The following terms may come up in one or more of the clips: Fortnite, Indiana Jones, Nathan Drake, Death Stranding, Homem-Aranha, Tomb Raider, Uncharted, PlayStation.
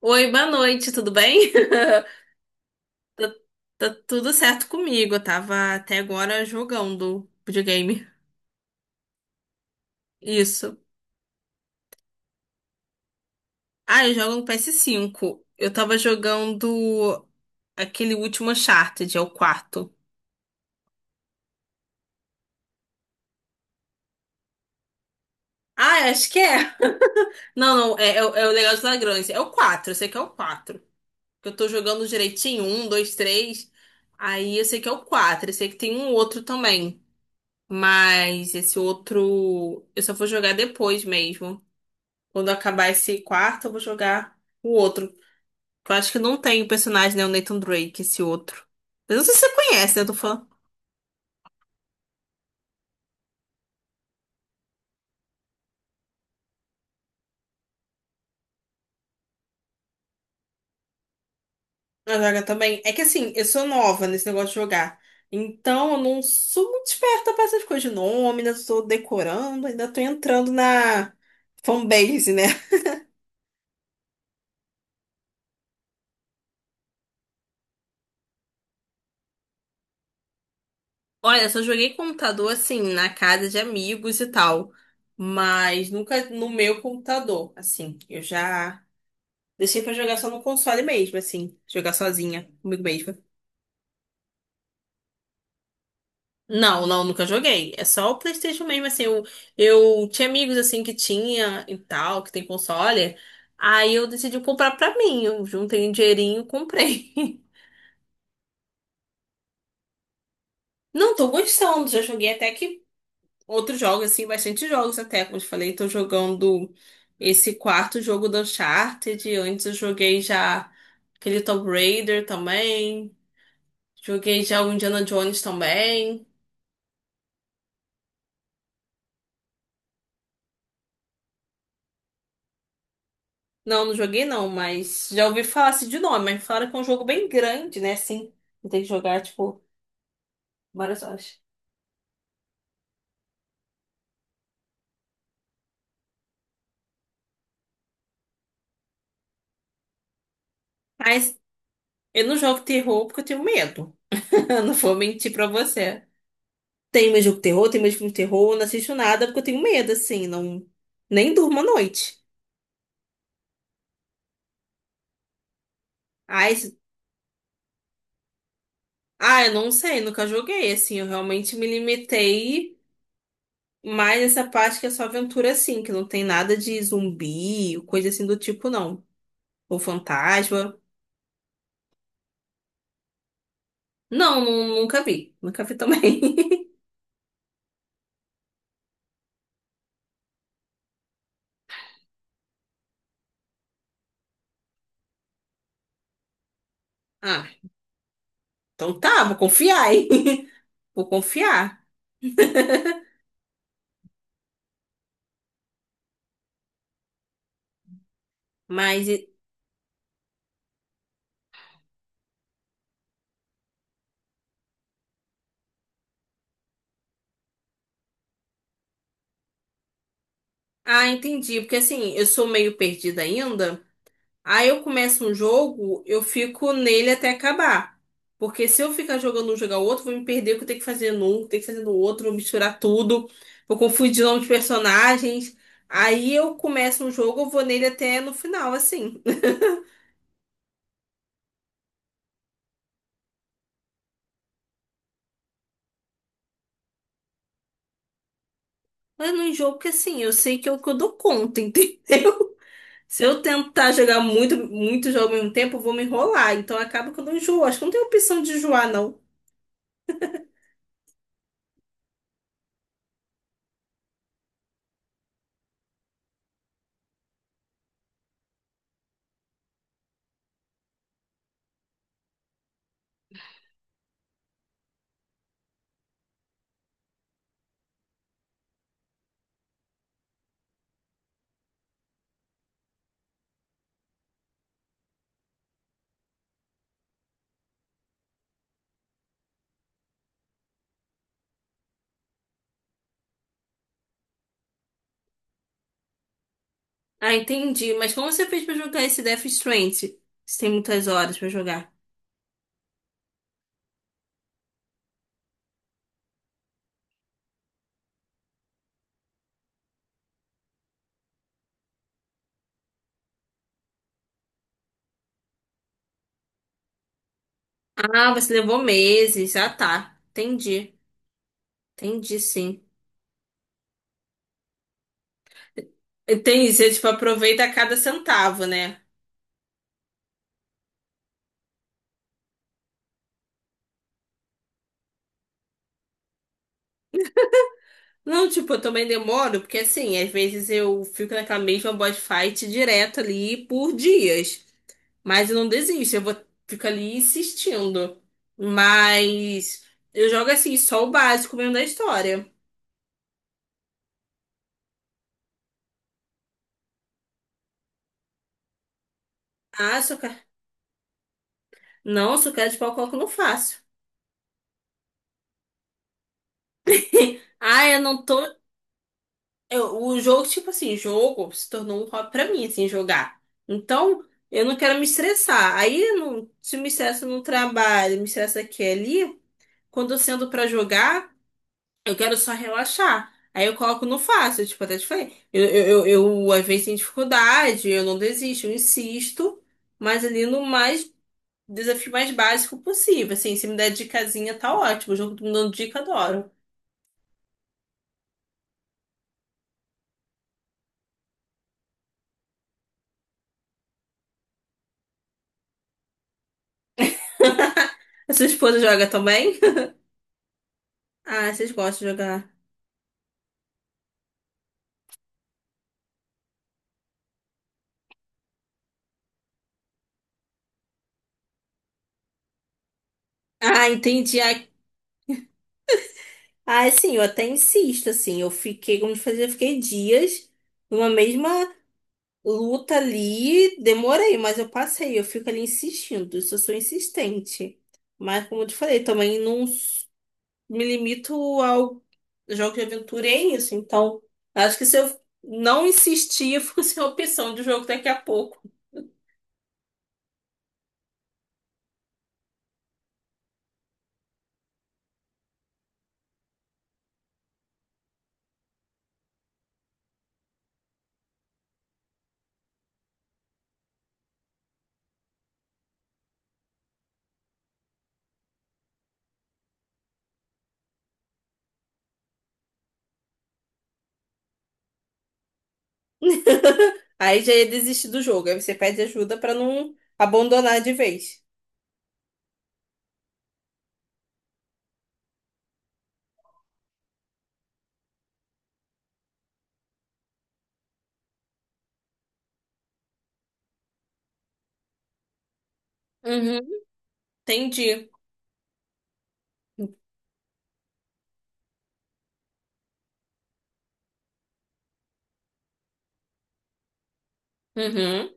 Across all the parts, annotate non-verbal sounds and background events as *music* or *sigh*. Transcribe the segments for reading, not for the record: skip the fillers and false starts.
Oi, boa noite, tudo bem? *laughs* Tá, tá tudo certo comigo. Eu tava até agora jogando videogame. Isso. Ah, eu jogo no PS5. Eu tava jogando aquele último Uncharted, é o quarto. Ah, eu acho que é. Não, não, é o Legal dos Ladrões. É o quatro. Eu sei que é o quatro. Eu tô jogando direitinho, um, dois, três. Aí eu sei que é o quatro. Eu sei que tem um outro também. Mas esse outro eu só vou jogar depois mesmo. Quando acabar esse quarto, eu vou jogar o outro. Eu acho que não tem o personagem, né? O Nathan Drake, esse outro. Eu não sei se você conhece, né? Eu tô falando. Eu jogo também. É que assim, eu sou nova nesse negócio de jogar. Então, eu não sou muito esperta pra essas coisas de nome, ainda tô decorando, ainda tô entrando na fanbase, né? Olha, só joguei computador assim, na casa de amigos e tal. Mas nunca no meu computador. Assim, eu já. Deixei pra jogar só no console mesmo, assim. Jogar sozinha, comigo mesma. Não, não, nunca joguei. É só o PlayStation mesmo, assim. Eu tinha amigos, assim, que tinha e tal, que tem console. Aí eu decidi comprar pra mim. Eu juntei um dinheirinho, comprei. *laughs* Não, tô gostando. Já joguei até que outros jogos, assim, bastante jogos até. Como eu te falei, tô jogando esse quarto jogo do Uncharted. Antes eu joguei já aquele Tomb Raider também. Joguei já o Indiana Jones também. Não, não joguei não, mas já ouvi falar assim de nome, mas falaram que é um jogo bem grande, né? Assim, tem que jogar, tipo, várias horas. Mas eu não jogo terror porque eu tenho medo. *laughs* Eu Não vou mentir pra você. Tem meu jogo de terror, tem meu filme de terror, eu não assisto nada porque eu tenho medo, assim, não... Nem durmo à noite. Ai, ah, eu não sei, nunca joguei, assim, eu realmente me limitei mais essa parte que é só aventura, assim, que não tem nada de zumbi, coisa assim do tipo, não. Ou fantasma. Não, nunca vi. Nunca vi também. *laughs* Ah, então tá, vou confiar, hein? *laughs* Vou confiar. Mas, ah, entendi. Porque assim, eu sou meio perdida ainda. Aí eu começo um jogo, eu fico nele até acabar. Porque se eu ficar jogando um, jogar o outro, vou me perder o que eu tenho que fazer num, o que eu tenho que fazer no outro, vou misturar tudo, vou confundir o nome de personagens. Aí eu começo um jogo, eu vou nele até no final, assim. *laughs* Mas não enjoo, porque assim, eu sei que é o que eu dou conta, *laughs* entendeu? Se eu tentar jogar muito, muito jogo ao mesmo tempo, eu vou me enrolar. Então acaba que eu não enjoo. Acho que não tem opção de enjoar, não. Ah, entendi. Mas como você fez pra jogar esse Death Stranding? Você tem muitas horas pra jogar. Ah, você levou meses. Ah, tá. Entendi. Entendi, sim. Entendi. Você, tipo, aproveita cada centavo, né? Não, tipo, eu também demoro, porque assim, às vezes eu fico naquela mesma boss fight direto ali por dias. Mas eu não desisto, eu vou fico ali insistindo. Mas eu jogo assim, só o básico mesmo da história. Ah, sou cara. Não, sou cara de pau, coloco, não faço. *laughs* Ah, eu não tô. O jogo, tipo assim, jogo se tornou um hobby pra mim, assim, jogar. Então, eu não quero me estressar. Aí, eu não, se eu me estresso no trabalho, me estressa aqui e ali, quando eu sento pra jogar. Eu quero só relaxar. Aí eu coloco no fácil, tipo, até te falei. Eu, às vezes tenho dificuldade, eu não desisto, eu insisto, mas ali no mais desafio mais básico possível. Assim, se me der dicasinha, tá ótimo. O jogo tá me dando dica, adoro. A sua esposa joga também? *laughs* Ah, vocês gostam de jogar. Ah, entendi. Ah, assim, eu até insisto, assim. Eu fiquei, como eu te eu fiquei dias numa mesma. Luta ali, demorei, mas eu passei. Eu fico ali insistindo, isso eu sou insistente. Mas, como eu te falei, também não me limito ao jogo de aventura, e é isso. Então, acho que se eu não insistir, eu fico *laughs* sem opção de jogo daqui a pouco. Aí já ia desistir do jogo. Aí você pede ajuda pra não abandonar de vez. Uhum. Entendi. Uhum.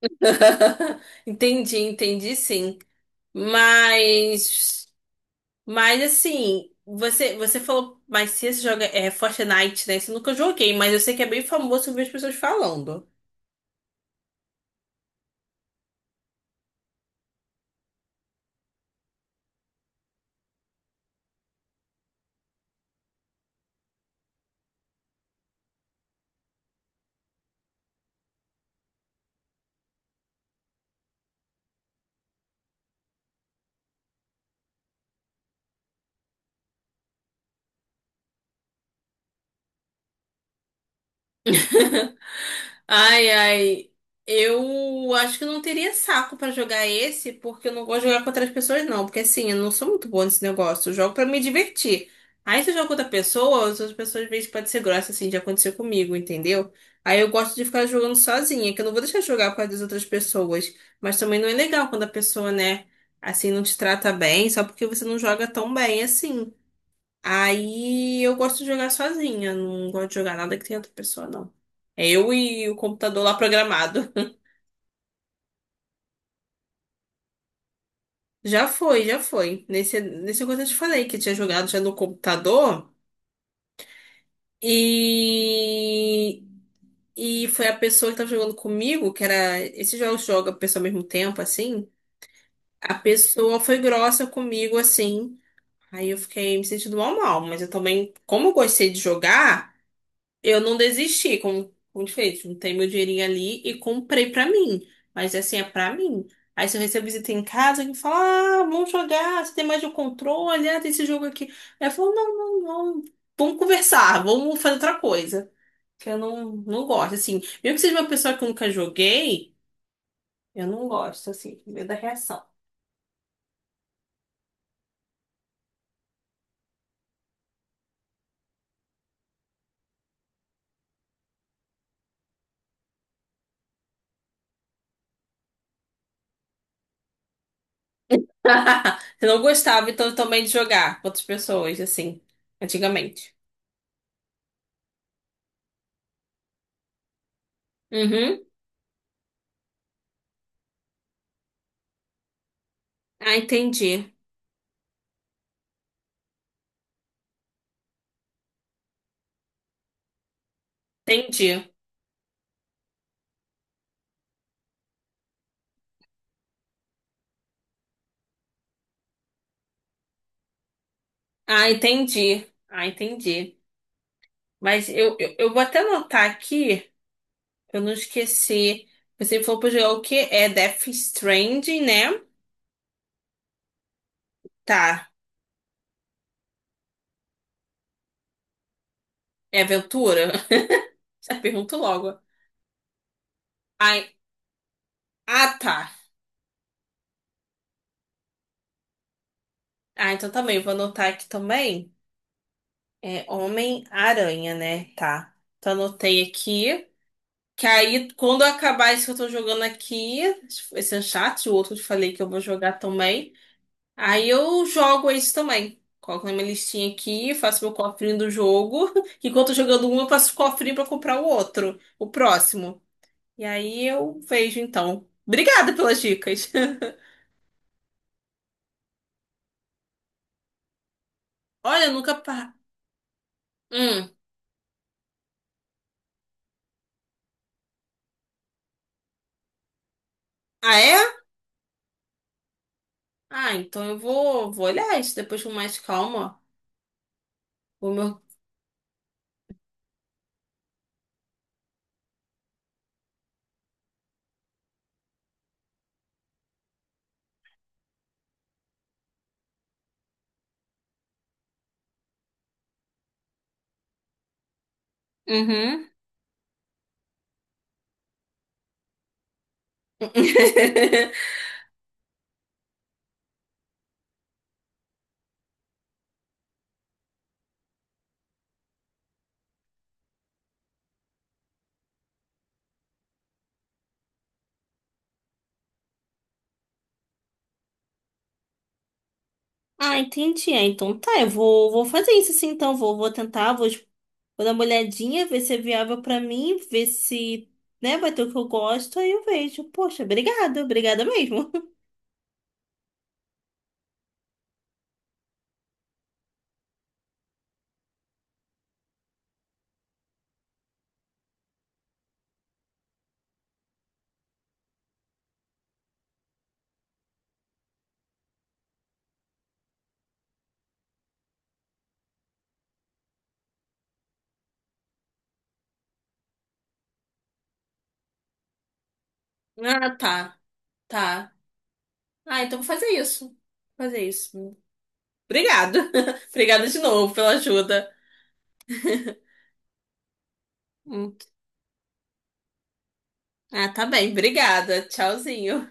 *laughs* Entendi, entendi sim. Mas. Mas assim, você falou, mas se você joga é, é Fortnite, né? Você nunca joguei, mas eu sei que é bem famoso ver as pessoas falando. *laughs* Ai, ai. Eu acho que eu não teria saco pra jogar esse, porque eu não gosto de jogar com outras pessoas, não. Porque assim, eu não sou muito boa nesse negócio. Eu jogo pra me divertir. Aí se eu jogo com outra pessoa, as outras pessoas às vezes podem ser grossas, assim, já aconteceu comigo, entendeu? Aí eu gosto de ficar jogando sozinha, que eu não vou deixar de jogar com as outras pessoas. Mas também não é legal quando a pessoa, né, assim, não te trata bem, só porque você não joga tão bem assim. Aí eu gosto de jogar sozinha, não gosto de jogar nada que tenha outra pessoa, não. É eu e o computador lá programado. *laughs* Já foi, já foi. Nesse coisa eu te falei que eu tinha jogado já no computador. E, e foi a pessoa que tava jogando comigo, que era. Esses jogos joga a pessoa ao mesmo tempo, assim. A pessoa foi grossa comigo, assim. Aí eu fiquei me sentindo mal, mal. Mas eu também, como eu gostei de jogar. Eu não desisti com desfeito. Juntei meu dinheirinho ali e comprei pra mim. Mas assim, é pra mim. Aí se eu recebo visita em casa, que fala, ah, vamos jogar, você tem mais de um controle, ah, tem esse jogo aqui. Aí eu falo, não, não, não, vamos conversar, vamos fazer outra coisa. Que eu não, não gosto, assim. Mesmo que seja uma pessoa que eu nunca joguei, eu não gosto, assim, com medo da reação. *laughs* Eu não gostava, então, também de jogar com outras pessoas, assim, antigamente. Uhum. Ah, entendi. Entendi. Ah, entendi. Ah, entendi. Mas eu vou até anotar aqui, pra eu não esqueci. Você falou pra jogar o quê? É Death Stranding, né? Tá. É aventura? *laughs* Já pergunto logo. Ai, ah, tá. Ah, então também, vou anotar aqui também. É Homem-Aranha, né? Tá. Então anotei aqui. Que aí, quando eu acabar isso que eu tô jogando aqui, esse Uncharted, o outro que eu falei que eu vou jogar também. Aí eu jogo isso também. Coloco na minha listinha aqui, faço meu cofrinho do jogo. *laughs* Enquanto eu tô jogando um, eu faço o cofrinho pra comprar o outro, o próximo. E aí eu vejo então. Obrigada pelas dicas. *laughs* Olha, eu nunca. Hum. Ah, é? Ah, então eu vou, vou olhar isso depois com mais calma. O meu. Uhum. *laughs* Ah, entendi. Ah, então tá, eu vou, vou fazer isso sim, então. Vou tentar, vou dar uma olhadinha, ver se é viável pra mim, ver se, né, vai ter o que eu gosto, aí eu vejo. Poxa, obrigada, obrigada mesmo. *laughs* Ah, tá, tá. Ah, então vou fazer isso. Vou Fazer isso. Obrigado, *laughs* Obrigada de novo pela ajuda. Hum. Ah, tá bem. Obrigada. Tchauzinho.